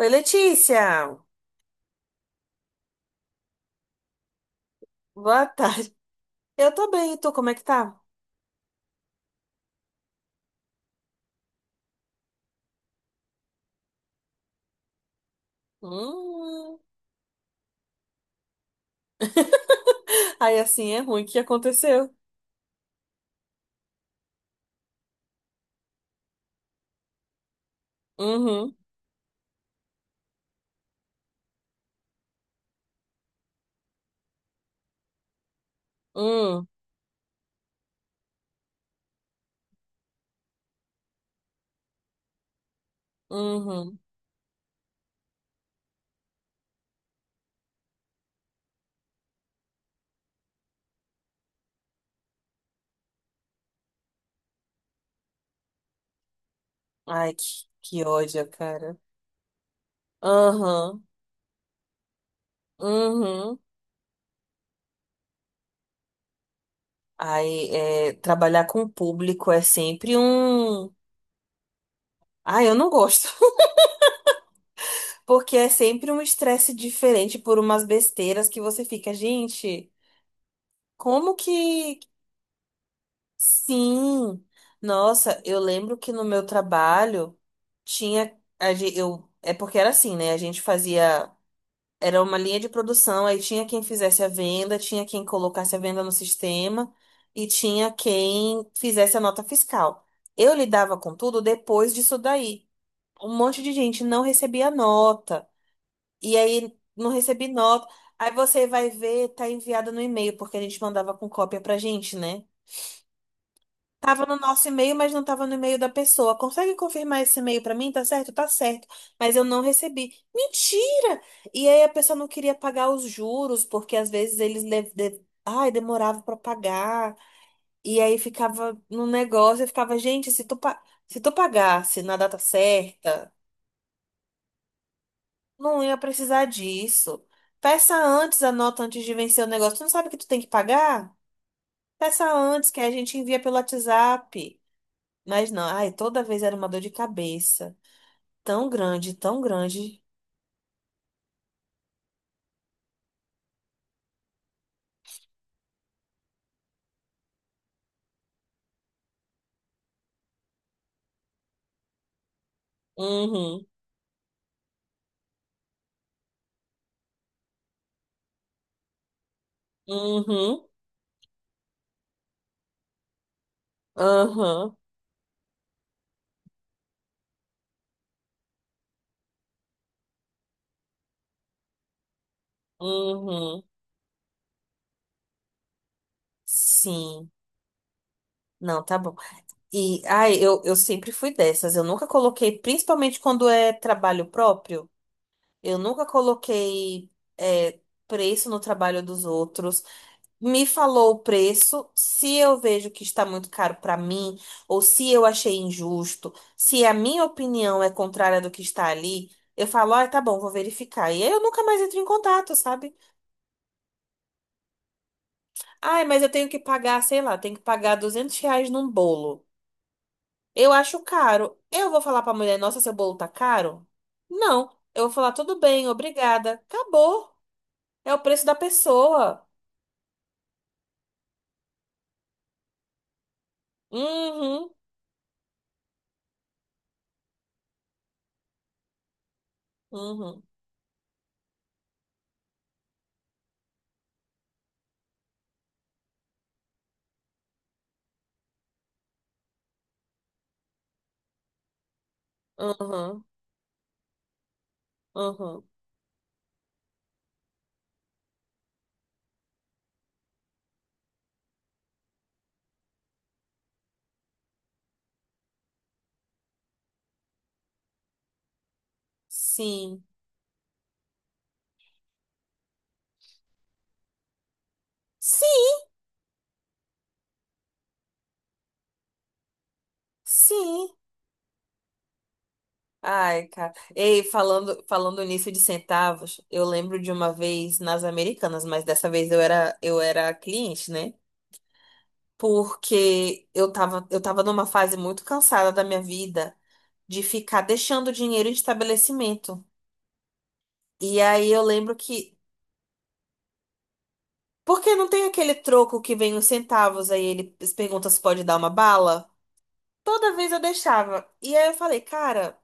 Oi, Letícia! Boa tarde. Eu tô bem, e tu, como é que tá? Hum. Aí assim é ruim, o que aconteceu? Uhum, uhum, uhum. Ai, que ódio, cara. Aham, uhum. Aí, é, trabalhar com o público é sempre um... Ai, eu não gosto. Porque é sempre um estresse diferente por umas besteiras que você fica, gente, como que. Sim, nossa, eu lembro que no meu trabalho eu é porque era assim, né? A gente fazia era uma linha de produção, aí tinha quem fizesse a venda, tinha quem colocasse a venda no sistema e tinha quem fizesse a nota fiscal. Eu lidava com tudo depois disso daí. Um monte de gente não recebia nota e aí não recebi nota. Aí você vai ver, tá enviada no e-mail, porque a gente mandava com cópia pra gente, né? Tava no nosso e-mail, mas não tava no e-mail da pessoa. Consegue confirmar esse e-mail pra mim? Tá certo? Tá certo. Mas eu não recebi. Mentira! E aí a pessoa não queria pagar os juros, porque às vezes ai, demorava pra pagar. E aí ficava no negócio, eu ficava, gente, se tu pagasse na data certa, não ia precisar disso. Peça antes a nota antes de vencer o negócio. Tu não sabe que tu tem que pagar? Peça antes, que a gente envia pelo WhatsApp. Mas não, ai, toda vez era uma dor de cabeça. Tão grande, tão grande. Uhum, uhum, uhum, uhum. Sim. Não, tá bom. E, ai, eu sempre fui dessas. Eu nunca coloquei, principalmente quando é trabalho próprio, eu nunca coloquei, é, preço no trabalho dos outros. Me falou o preço, se eu vejo que está muito caro para mim, ou se eu achei injusto, se a minha opinião é contrária do que está ali, eu falo, ah, tá bom, vou verificar. E aí eu nunca mais entro em contato, sabe? Ah, mas eu tenho que pagar, sei lá, tenho que pagar R$ 200 num bolo. Eu acho caro. Eu vou falar para a mulher, nossa, seu bolo tá caro? Não. Eu vou falar, tudo bem, obrigada. Acabou. É o preço da pessoa. Uhum, uhum, uhum, uhum. Sim. Sim. Sim. Ai, cara. Ei, falando nisso de centavos, eu lembro de uma vez nas Americanas, mas dessa vez eu era cliente, né? Porque eu tava numa fase muito cansada da minha vida de ficar deixando dinheiro em estabelecimento. E aí eu lembro que. Porque não tem aquele troco que vem os centavos, aí ele pergunta se pode dar uma bala? Toda vez eu deixava. E aí eu falei, cara,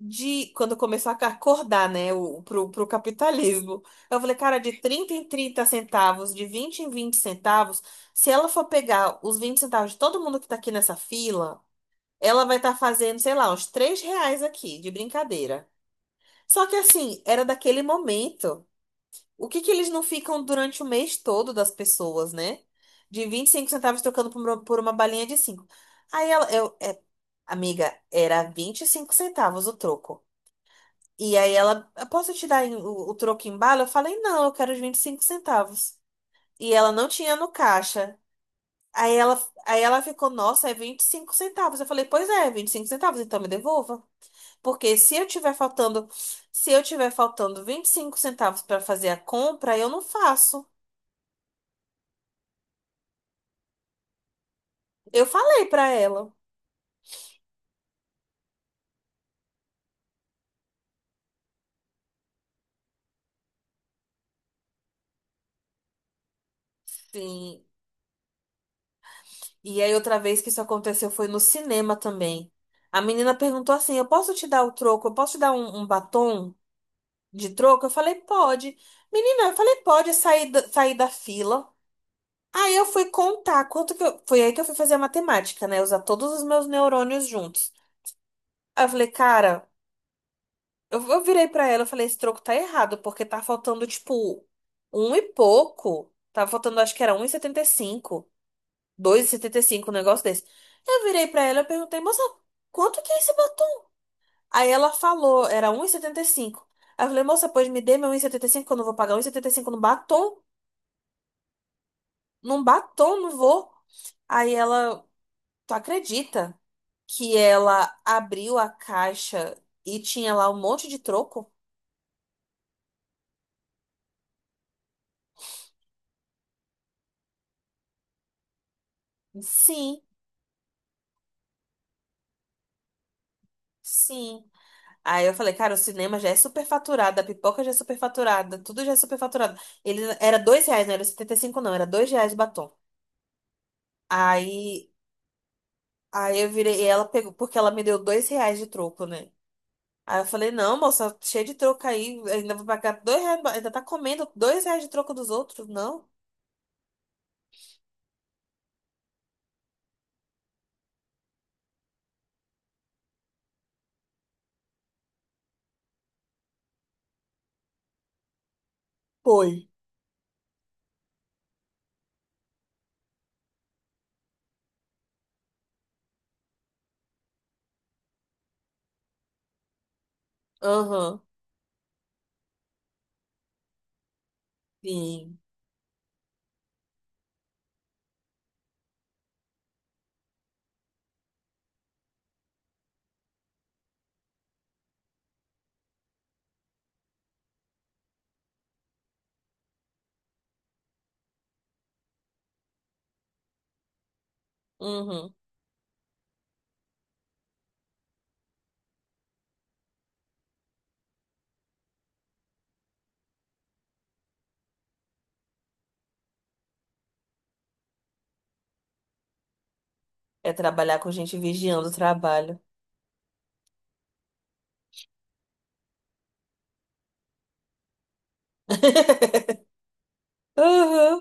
de quando começou a acordar, né, o, pro, pro capitalismo. Eu falei, cara, de 30 em 30 centavos, de 20 em 20 centavos, se ela for pegar os 20 centavos de todo mundo que tá aqui nessa fila, ela vai estar fazendo, sei lá, uns R$ 3 aqui, de brincadeira. Só que assim, era daquele momento. O que que eles não ficam durante o mês todo das pessoas, né? De vinte e cinco centavos trocando por uma balinha de cinco. Aí ela, eu, é, amiga, era 25 centavos o troco. E aí ela, "Eu posso te dar o troco em bala?" Eu falei, não, eu quero os 25 centavos. E ela não tinha no caixa. Aí ela, aí ela ficou, nossa, é 25 centavos. Eu falei, pois é, 25 centavos, então me devolva. Porque se eu tiver faltando 25 centavos para fazer a compra, eu não faço. Eu falei para ela. Sim. E aí outra vez que isso aconteceu foi no cinema também. A menina perguntou assim: "Eu posso te dar o troco? Eu posso te dar um batom?" de troco? Eu falei, pode. Menina, eu falei, pode sair da fila. Aí eu fui contar quanto que eu, foi aí que eu fui fazer a matemática, né? Usar todos os meus neurônios juntos. Aí eu falei, cara, eu virei pra ela, eu falei, esse troco tá errado, porque tá faltando, tipo, um e pouco. Tava faltando, acho que era um e setenta setenta cinco, dois e setenta e cinco, um negócio desse. Eu virei pra ela, eu perguntei, moça, quanto que é esse batom? Aí ela falou, era um 1,75. Aí eu falei, moça, pois me dê meu um e setenta e cinco, que eu não vou pagar um e setenta e cinco no batom. Num batom, não vou. Aí ela, tu acredita que ela abriu a caixa e tinha lá um monte de troco? Sim, sim. Aí eu falei, cara, o cinema já é superfaturado, a pipoca já é superfaturada, tudo já é superfaturado. Ele era dois reais, não era 75? Não, era dois reais o batom. Aí, aí eu virei, e ela pegou, porque ela me deu dois reais de troco, né? Aí eu falei, não, moça, cheio de troco aí, ainda vou pagar R$ 2, ainda tá comendo dois reais de troco dos outros, não? Foi. Aham, sim. Uhum. É trabalhar com gente vigiando o trabalho. Uhum.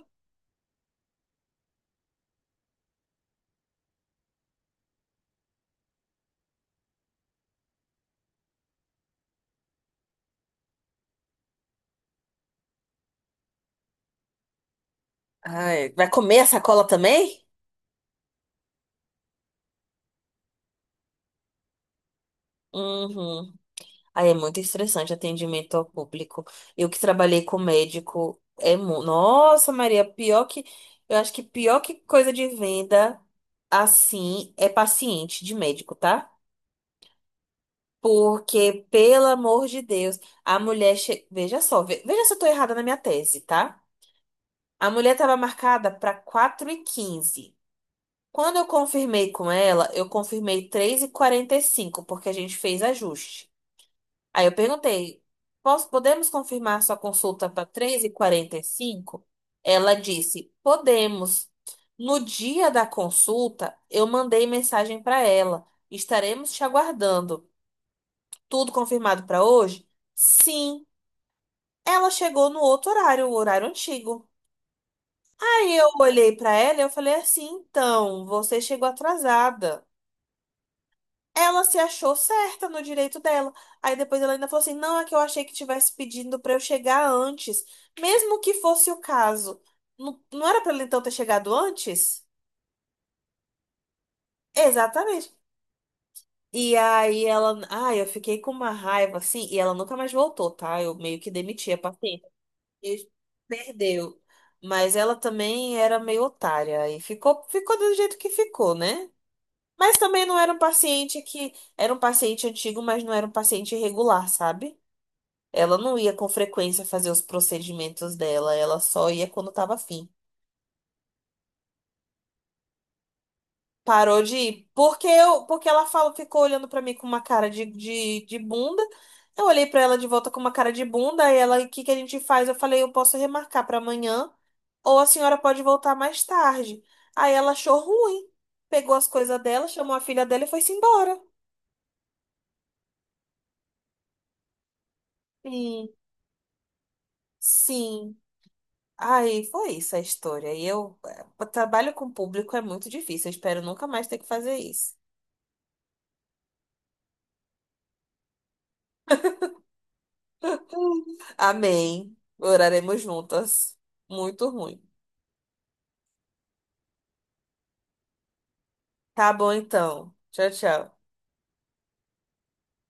Ai, vai comer a sacola também? Uhum. Aí é muito estressante atendimento ao público. Eu que trabalhei com médico, é mu... Nossa, Maria, pior que. Eu acho que pior que coisa de venda assim é paciente de médico, tá? Porque, pelo amor de Deus, a mulher. Veja só, veja se eu tô errada na minha tese, tá? A mulher estava marcada para 4h15. Quando eu confirmei com ela, eu confirmei 3h45, porque a gente fez ajuste. Aí eu perguntei: "Posso- podemos confirmar sua consulta para três e quarenta e cinco?" Ela disse: podemos. No dia da consulta, eu mandei mensagem para ela: estaremos te aguardando. Tudo confirmado para hoje? Sim. Ela chegou no outro horário, o horário antigo. Aí eu olhei pra ela e eu falei assim, então, você chegou atrasada. Ela se achou certa no direito dela. Aí depois ela ainda falou assim, não, é que eu achei que tivesse pedindo pra eu chegar antes, mesmo que fosse o caso. Não, não era pra ela então ter chegado antes? Exatamente. E aí ela, ai, eu fiquei com uma raiva assim, e ela nunca mais voltou, tá? Eu meio que demiti a paciente. E perdeu. Mas ela também era meio otária e ficou, ficou do jeito que ficou, né? Mas também não era um paciente que era um paciente antigo, mas não era um paciente regular, sabe? Ela não ia com frequência fazer os procedimentos dela, ela só ia quando tava afim. Parou de ir. Porque eu, porque ela falou, ficou olhando pra mim com uma cara de bunda. Eu olhei pra ela de volta com uma cara de bunda, aí ela, o que que a gente faz? Eu falei, eu posso remarcar pra amanhã, ou a senhora pode voltar mais tarde. Aí ela achou ruim. Pegou as coisas dela, chamou a filha dela e foi-se embora. Sim, sim. Aí foi isso a história. E eu, eh, trabalho com público é muito difícil. Eu espero nunca mais ter que fazer isso. Amém. Oraremos juntas. Muito ruim. Tá bom então. Tchau, tchau.